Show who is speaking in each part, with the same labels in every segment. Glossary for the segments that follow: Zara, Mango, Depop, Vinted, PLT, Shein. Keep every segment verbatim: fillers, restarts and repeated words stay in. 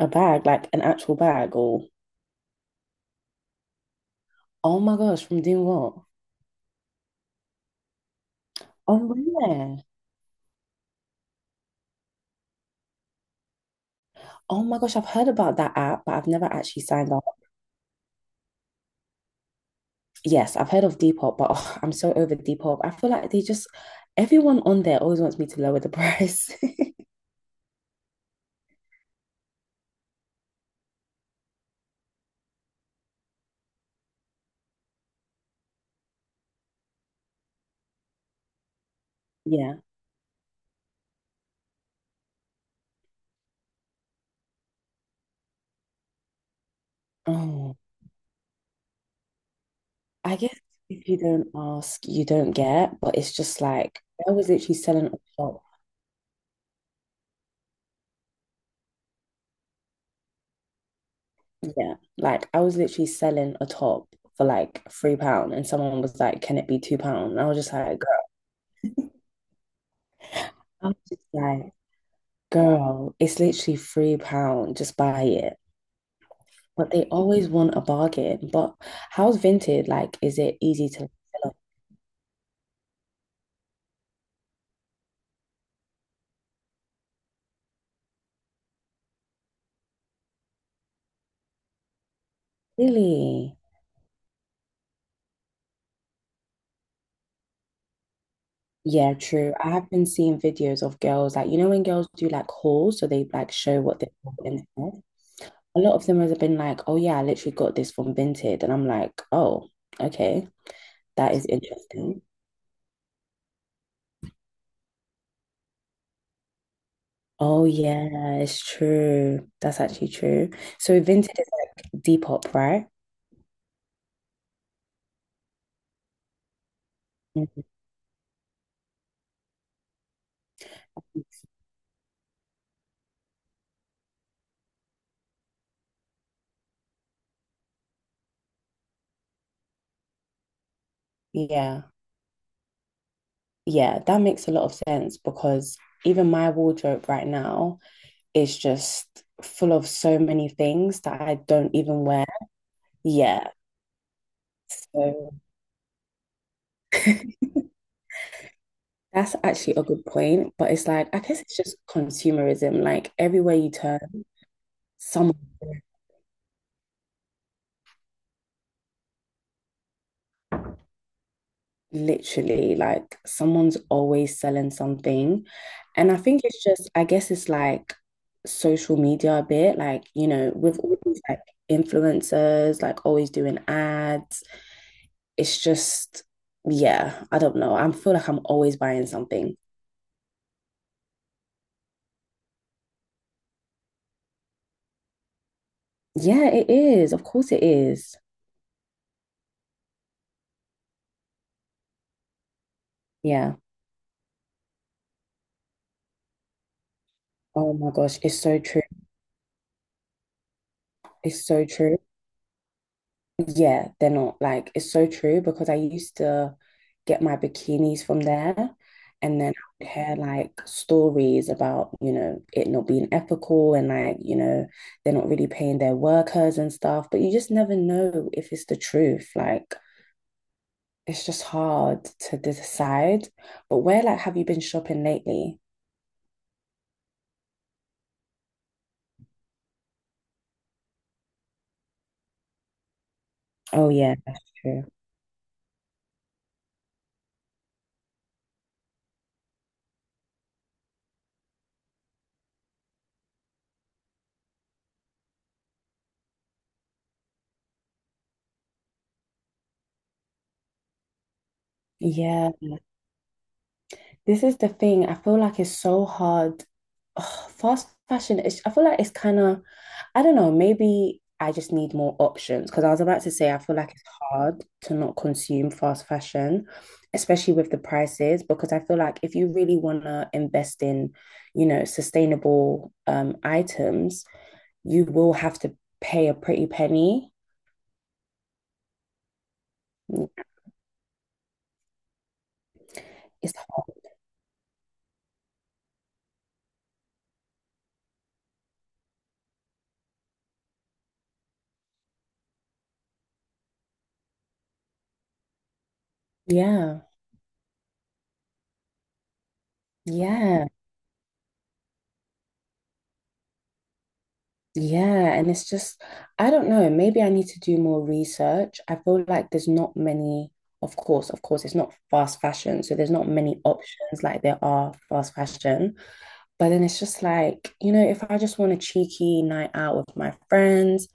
Speaker 1: A bag, like an actual bag, or oh my gosh, from doing what? Oh, really? Oh my gosh, I've heard about that app, but I've never actually signed up. Yes, I've heard of Depop, but oh, I'm so over Depop. I feel like they just, everyone on there always wants me to lower the price. Yeah. Oh, I guess if you don't ask, you don't get, but it's just like I was literally selling a top. Yeah. Like I was literally selling a top for like three pound and someone was like, can it be two pound? And I was just like, girl, I was just like, girl, it's literally three pound. Just buy it. But they always want a bargain. But how's Vinted? Like, is it easy to sell off? Really? Yeah, true. I have been seeing videos of girls, like, you know, when girls do like hauls, so they like show what they bought instead. A lot of them has been like, oh yeah, I literally got this from Vinted. And I'm like, oh, okay, that is interesting. Oh yeah, it's true. That's actually true. So Vinted is like Depop, right? Mhm. Yeah. Yeah, that makes a lot of sense because even my wardrobe right now is just full of so many things that I don't even wear. Yeah. So that's actually a good point. But it's like, I guess it's just consumerism. Like everywhere you turn, someone, literally, like someone's always selling something. And I think it's just, I guess it's like social media a bit, like, you know, with all these like influencers, like always doing ads. It's just, yeah, I don't know. I feel like I'm always buying something. Yeah, it is. Of course it is. Yeah. Oh my gosh, it's so true. It's so true. Yeah, they're not, like it's so true because I used to get my bikinis from there and then I would hear like stories about, you know, it not being ethical and like, you know, they're not really paying their workers and stuff, but you just never know if it's the truth. Like, it's just hard to decide. But where like have you been shopping lately? Oh yeah, that's true. Yeah. This is the thing. I feel like it's so hard. Ugh, fast fashion, it's, I feel like it's kind of, I don't know, maybe I just need more options because I was about to say I feel like it's hard to not consume fast fashion, especially with the prices, because I feel like if you really want to invest in, you know, sustainable um items, you will have to pay a pretty penny. It's yeah, yeah, yeah. And it's just, I don't know, maybe I need to do more research. I feel like there's not many, of course, of course, it's not fast fashion. So there's not many options like there are fast fashion. But then it's just like, you know, if I just want a cheeky night out with my friends,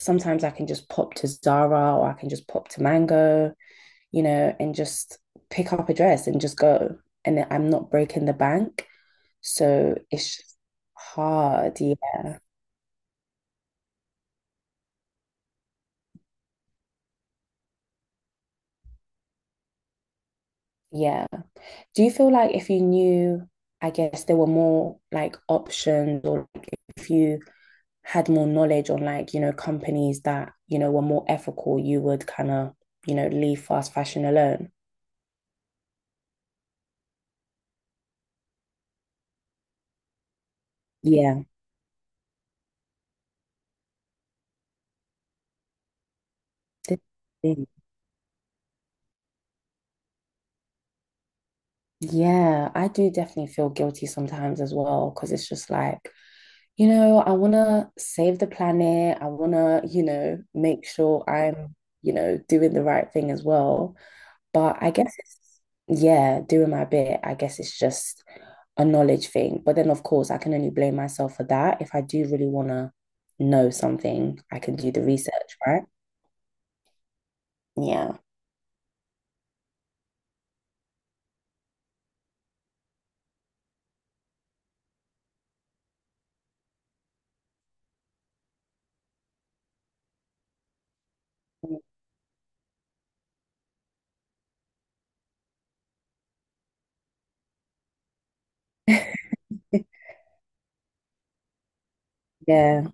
Speaker 1: sometimes I can just pop to Zara or I can just pop to Mango, you know, and just pick up a dress and just go. And I'm not breaking the bank. So it's just hard. Yeah. Yeah. Do you feel like if you knew, I guess there were more like options or like, if you had more knowledge on like, you know, companies that, you know, were more ethical, you would kind of, you know, leave fast fashion alone? Yeah. Yeah, I do definitely feel guilty sometimes as well because it's just like, you know, I want to save the planet. I want to, you know, make sure I'm, you know, doing the right thing as well. But I guess it's, yeah, doing my bit. I guess it's just a knowledge thing. But then, of course, I can only blame myself for that. If I do really want to know something, I can do the research, right? Yeah. Yeah.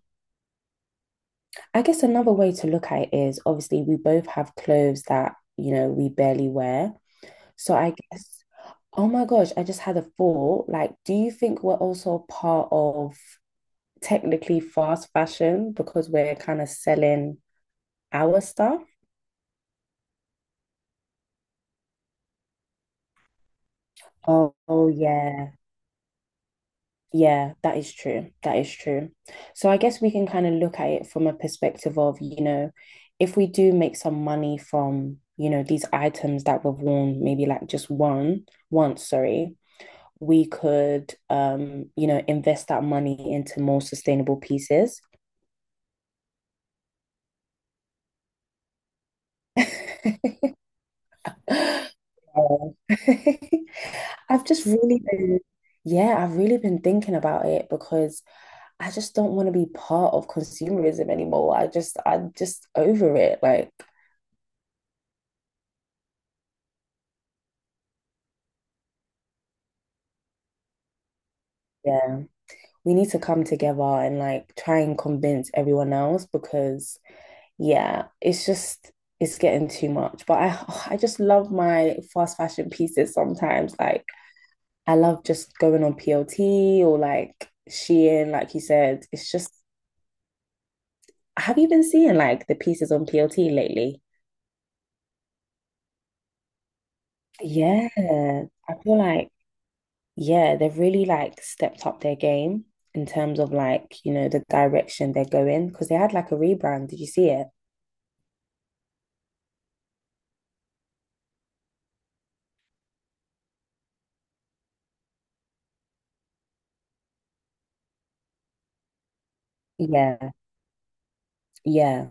Speaker 1: I guess another way to look at it is obviously we both have clothes that, you know, we barely wear. So I guess, oh my gosh, I just had a thought. Like, do you think we're also part of, technically, fast fashion because we're kind of selling our stuff? Oh, oh yeah. Yeah, that is true. That is true. So I guess we can kind of look at it from a perspective of, you know, if we do make some money from, you know, these items that we've worn, maybe like just one, once, sorry, we could, um, you know, invest that money into more sustainable pieces. Oh. I've just really been, yeah, I've really been thinking about it because I just don't want to be part of consumerism anymore. I just, I'm just over it. Like, yeah, we need to come together and like try and convince everyone else because, yeah, it's just, it's getting too much. But I, I just love my fast fashion pieces sometimes. Like, I love just going on P L T or like Shein, like you said. It's just, have you been seeing like the pieces on P L T lately? Yeah, I feel like yeah, they've really like stepped up their game in terms of like, you know, the direction they're going because they had like a rebrand. Did you see it? Yeah, yeah,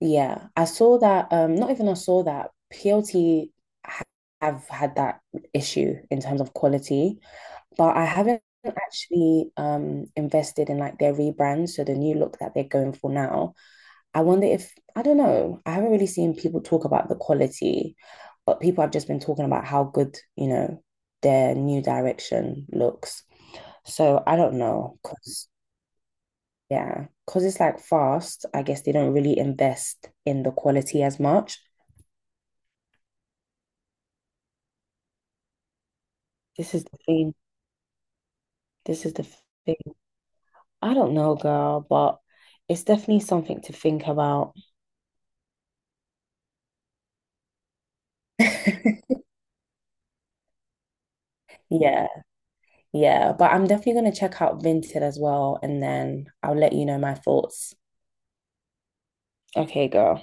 Speaker 1: yeah. I saw that, um, not even I saw that P L T ha- have had that issue in terms of quality, but I haven't actually um invested in like their rebrand, so the new look that they're going for now. I wonder if, I don't know, I haven't really seen people talk about the quality, but people have just been talking about how good, you know, their new direction looks. So I don't know, because, yeah, because it's like fast, I guess they don't really invest in the quality as much. This is the thing. This is the thing. I don't know, girl, but it's definitely something to think about. Yeah, yeah. But I'm definitely going to check out Vinted as well, and then I'll let you know my thoughts. Okay, go.